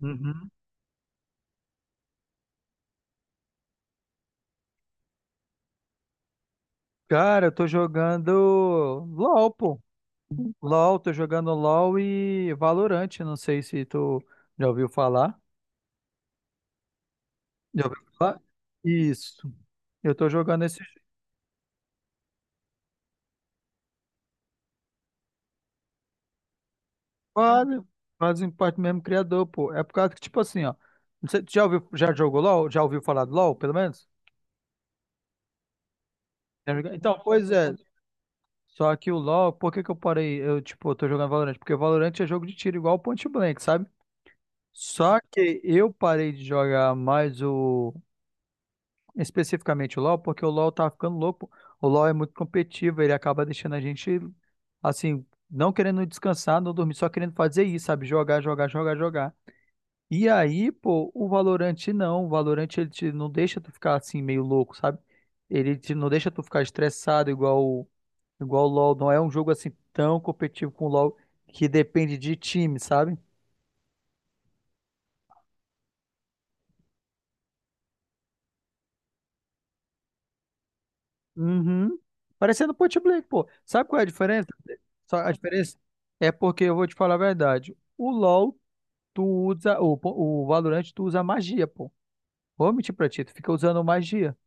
Uhum. Cara, eu tô jogando LOL, pô. LOL, tô jogando LOL e Valorant. Não sei se tu já ouviu falar. Já ouviu falar? Isso. Eu tô jogando esses quase, fazem parte do mesmo criador, pô. É por causa que, tipo assim, ó. Não sei, tu já jogou LOL? Já ouviu falar do LOL, pelo menos? Já jogou? Então, pois é. Só que o LOL, por que que eu parei? Tipo, eu tô jogando Valorant? Porque Valorant é jogo de tiro igual o Point Blank, sabe? Só que eu parei de jogar mais o. especificamente o LoL, porque o LoL tá ficando louco. O LoL é muito competitivo, ele acaba deixando a gente, assim, não querendo descansar, não dormir, só querendo fazer isso, sabe? Jogar, jogar, jogar, jogar. E aí, pô, o Valorant não. O Valorant, ele não deixa tu ficar, assim, meio louco, sabe? Ele não deixa tu ficar estressado igual, igual o LoL. Não é um jogo, assim, tão competitivo com o LoL, que depende de time, sabe? Uhum. Parecendo Point Blank, pô. Sabe qual é a diferença? Só a diferença é porque eu vou te falar a verdade. O LoL, o Valorant, tu usa magia, pô. Vou mentir pra ti, tu fica usando magia.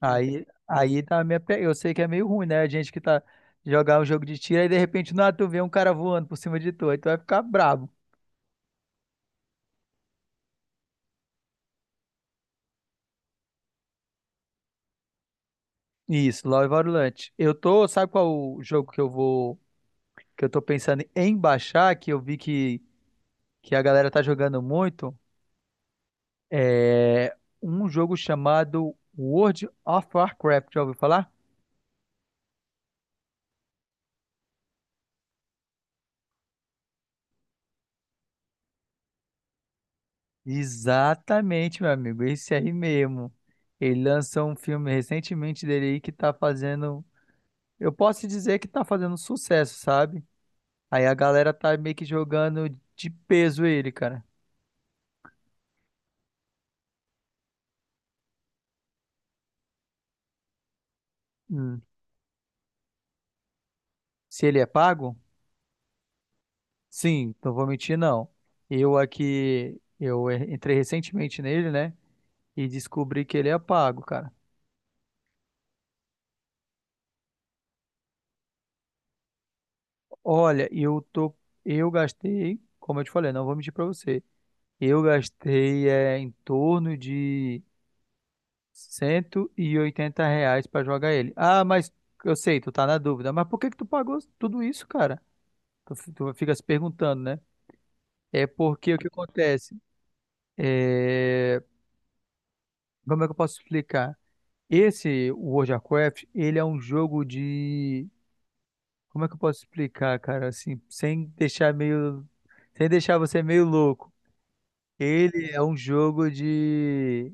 Aí tá a minha. Eu sei que é meio ruim, né? A gente que tá jogar um jogo de tiro, aí de repente, não, tu vê um cara voando por cima de tu, aí tu vai ficar bravo. Isso, LoL e Valorant. Sabe qual o jogo que que eu tô pensando em baixar, que eu vi que a galera tá jogando muito? É um jogo chamado World of Warcraft, já ouviu falar? Exatamente, meu amigo, esse aí mesmo. Ele lançou um filme recentemente dele aí que tá fazendo, eu posso dizer que tá fazendo sucesso, sabe? Aí a galera tá meio que jogando de peso ele, cara. Hum. Se ele é pago? Sim, não vou mentir não. Eu aqui, eu entrei recentemente nele, né? E descobri que ele é pago, cara. Olha, eu gastei, como eu te falei, não vou mentir para você. Eu gastei é, em torno de R$ 180 para jogar ele. Ah, mas eu sei, tu tá na dúvida. Mas por que que tu pagou tudo isso, cara? Tu fica se perguntando, né? É porque o que acontece? É, como é que eu posso explicar? Esse World of Warcraft, ele é um jogo de. Como é que eu posso explicar, cara? Assim, sem deixar meio. Sem deixar você meio louco. Ele é um jogo de.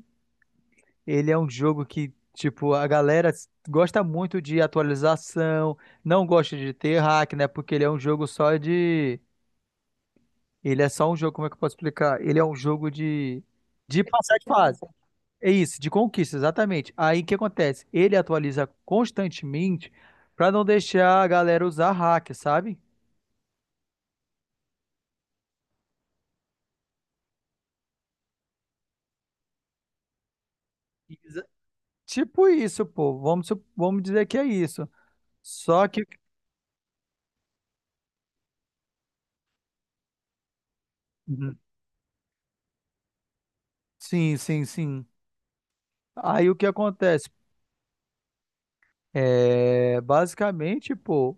Ele é um jogo que, tipo, a galera gosta muito de atualização, não gosta de ter hack, né? Porque ele é um jogo só de. Ele é só um jogo, como é que eu posso explicar? Ele é um jogo de. De passar de fase. É isso, de conquista, exatamente. Aí o que acontece? Ele atualiza constantemente pra não deixar a galera usar hack, sabe? Exa- Tipo isso, pô. Vamos dizer que é isso. Só que. Uhum. Sim, sim, sim. Aí o que acontece? É, basicamente, pô,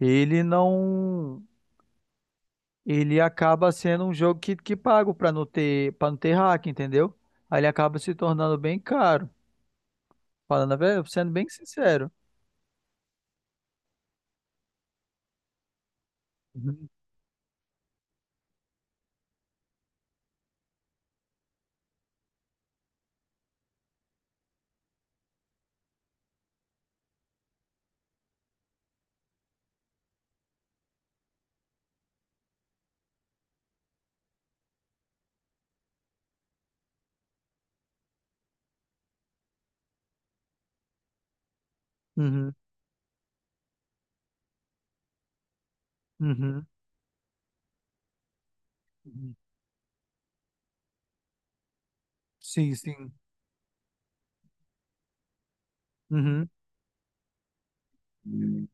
ele não. Ele acaba sendo um jogo que pago pra não ter, para não ter hack, entendeu? Aí ele acaba se tornando bem caro. Falando a verdade, sendo bem sincero. Uhum, uhum, uhum, uhum. Sim, sim. Uhum, uhum,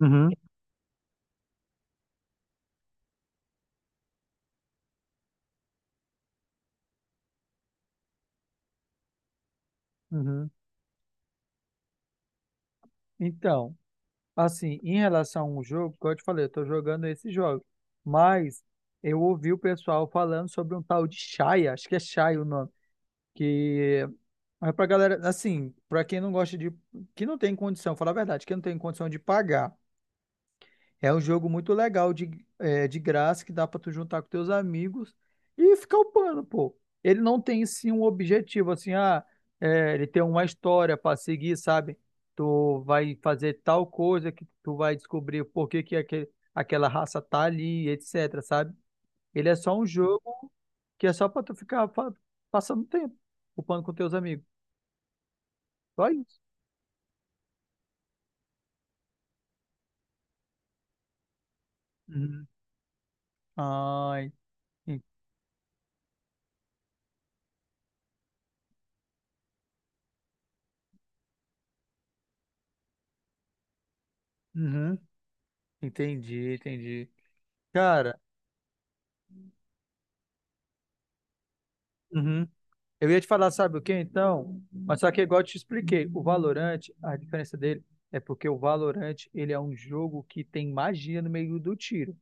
uhum, uhum. Então, assim, em relação ao jogo, como eu te falei, eu tô jogando esse jogo. Mas eu ouvi o pessoal falando sobre um tal de Shaya, acho que é Shaya o nome. Que é pra galera, assim, pra quem não gosta de. Que não tem condição, falar a verdade, que não tem condição de pagar. É um jogo muito legal de graça que dá pra tu juntar com teus amigos e ficar upando, pô. Ele não tem, sim, um objetivo, assim, ele tem uma história pra seguir, sabe? Tu vai fazer tal coisa que tu vai descobrir por que que aquela raça tá ali, etc, sabe? Ele é só um jogo que é só pra tu ficar passando tempo, upando com teus amigos. Só isso. Uhum. Ai, en- uhum. Entendi, entendi. Cara, uhum. Eu ia te falar, sabe o que então? Mas só que igual eu te expliquei, o Valorant, a diferença dele é porque o Valorant, ele é um jogo que tem magia no meio do tiro.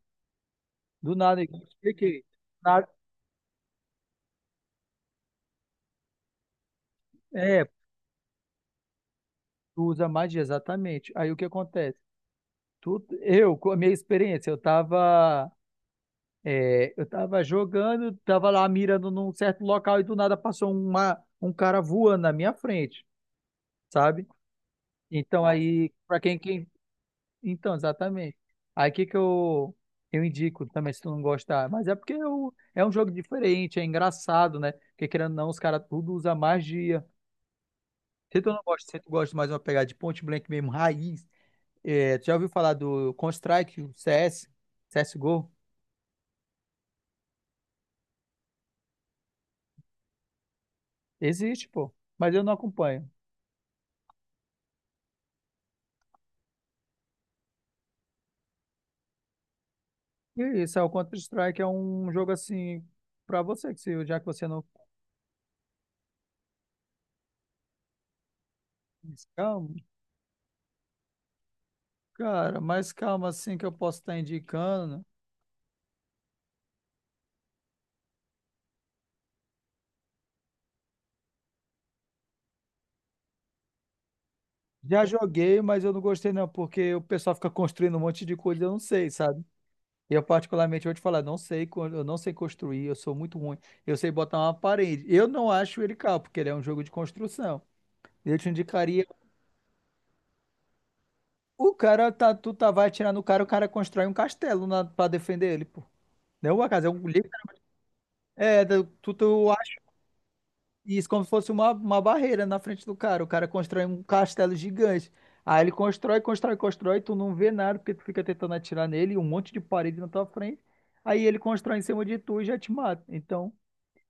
Do nada, igual eu te expliquei. Na- é, tu usa magia, exatamente. Aí o que acontece? Eu, com a minha experiência, eu tava jogando, tava lá mirando num certo local e do nada passou um cara voando na minha frente. Sabe? Então aí, para quem. Então, exatamente. Aí que eu indico também, se tu não gostar. Mas é porque eu, é um jogo diferente, é engraçado, né? Porque querendo ou não, os caras tudo usa magia. Se tu não gosta, se tu gosta mais de uma pegada de Point Blank mesmo, raiz. É, tu já ouviu falar do Counter-Strike, o CS, CSGO? Existe, pô. Mas eu não acompanho. E isso, o Counter-Strike é um jogo assim, pra você, que se, já que você não. Cara, mais calma assim que eu posso estar indicando. Já joguei, mas eu não gostei não, porque o pessoal fica construindo um monte de coisa, e eu não sei, sabe? Eu particularmente vou te falar, não sei, eu não sei construir, eu sou muito ruim. Eu sei botar uma parede. Eu não acho ele caro, porque ele é um jogo de construção. Eu te indicaria, tu tá vai atirar no cara, o cara constrói um castelo para defender ele, pô. Não é uma casa, é um livro. É, tu, tu Isso, como se fosse uma barreira na frente do cara. O cara constrói um castelo gigante. Aí ele constrói, constrói, constrói, tu não vê nada porque tu fica tentando atirar nele, um monte de parede na tua frente. Aí ele constrói em cima de tu e já te mata. Então,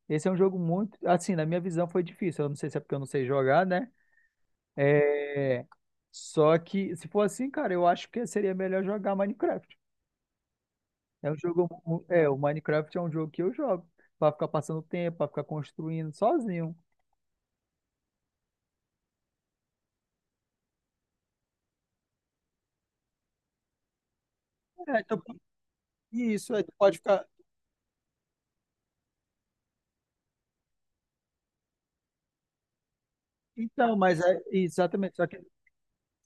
esse é um jogo muito, assim, na minha visão foi difícil. Eu não sei se é porque eu não sei jogar, né? É, só que se for assim, cara, eu acho que seria melhor jogar Minecraft. É um jogo, o Minecraft é um jogo que eu jogo. Pra ficar passando tempo, pra ficar construindo sozinho. É, então, isso, tu pode ficar. Então, mas é exatamente, só que,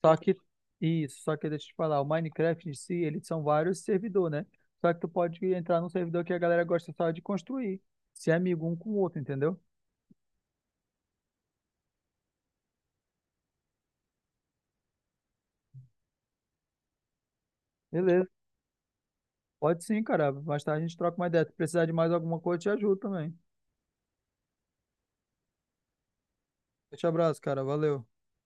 só que isso, só que deixa eu te falar, o Minecraft em si, eles são vários servidores, né? Só que tu pode entrar num servidor que a galera gosta só de construir, ser amigo um com o outro, entendeu? Beleza. Pode sim, cara. Mais tarde a gente troca uma ideia. Se precisar de mais alguma coisa, eu te ajudo também. Deixa abraço, cara. Valeu.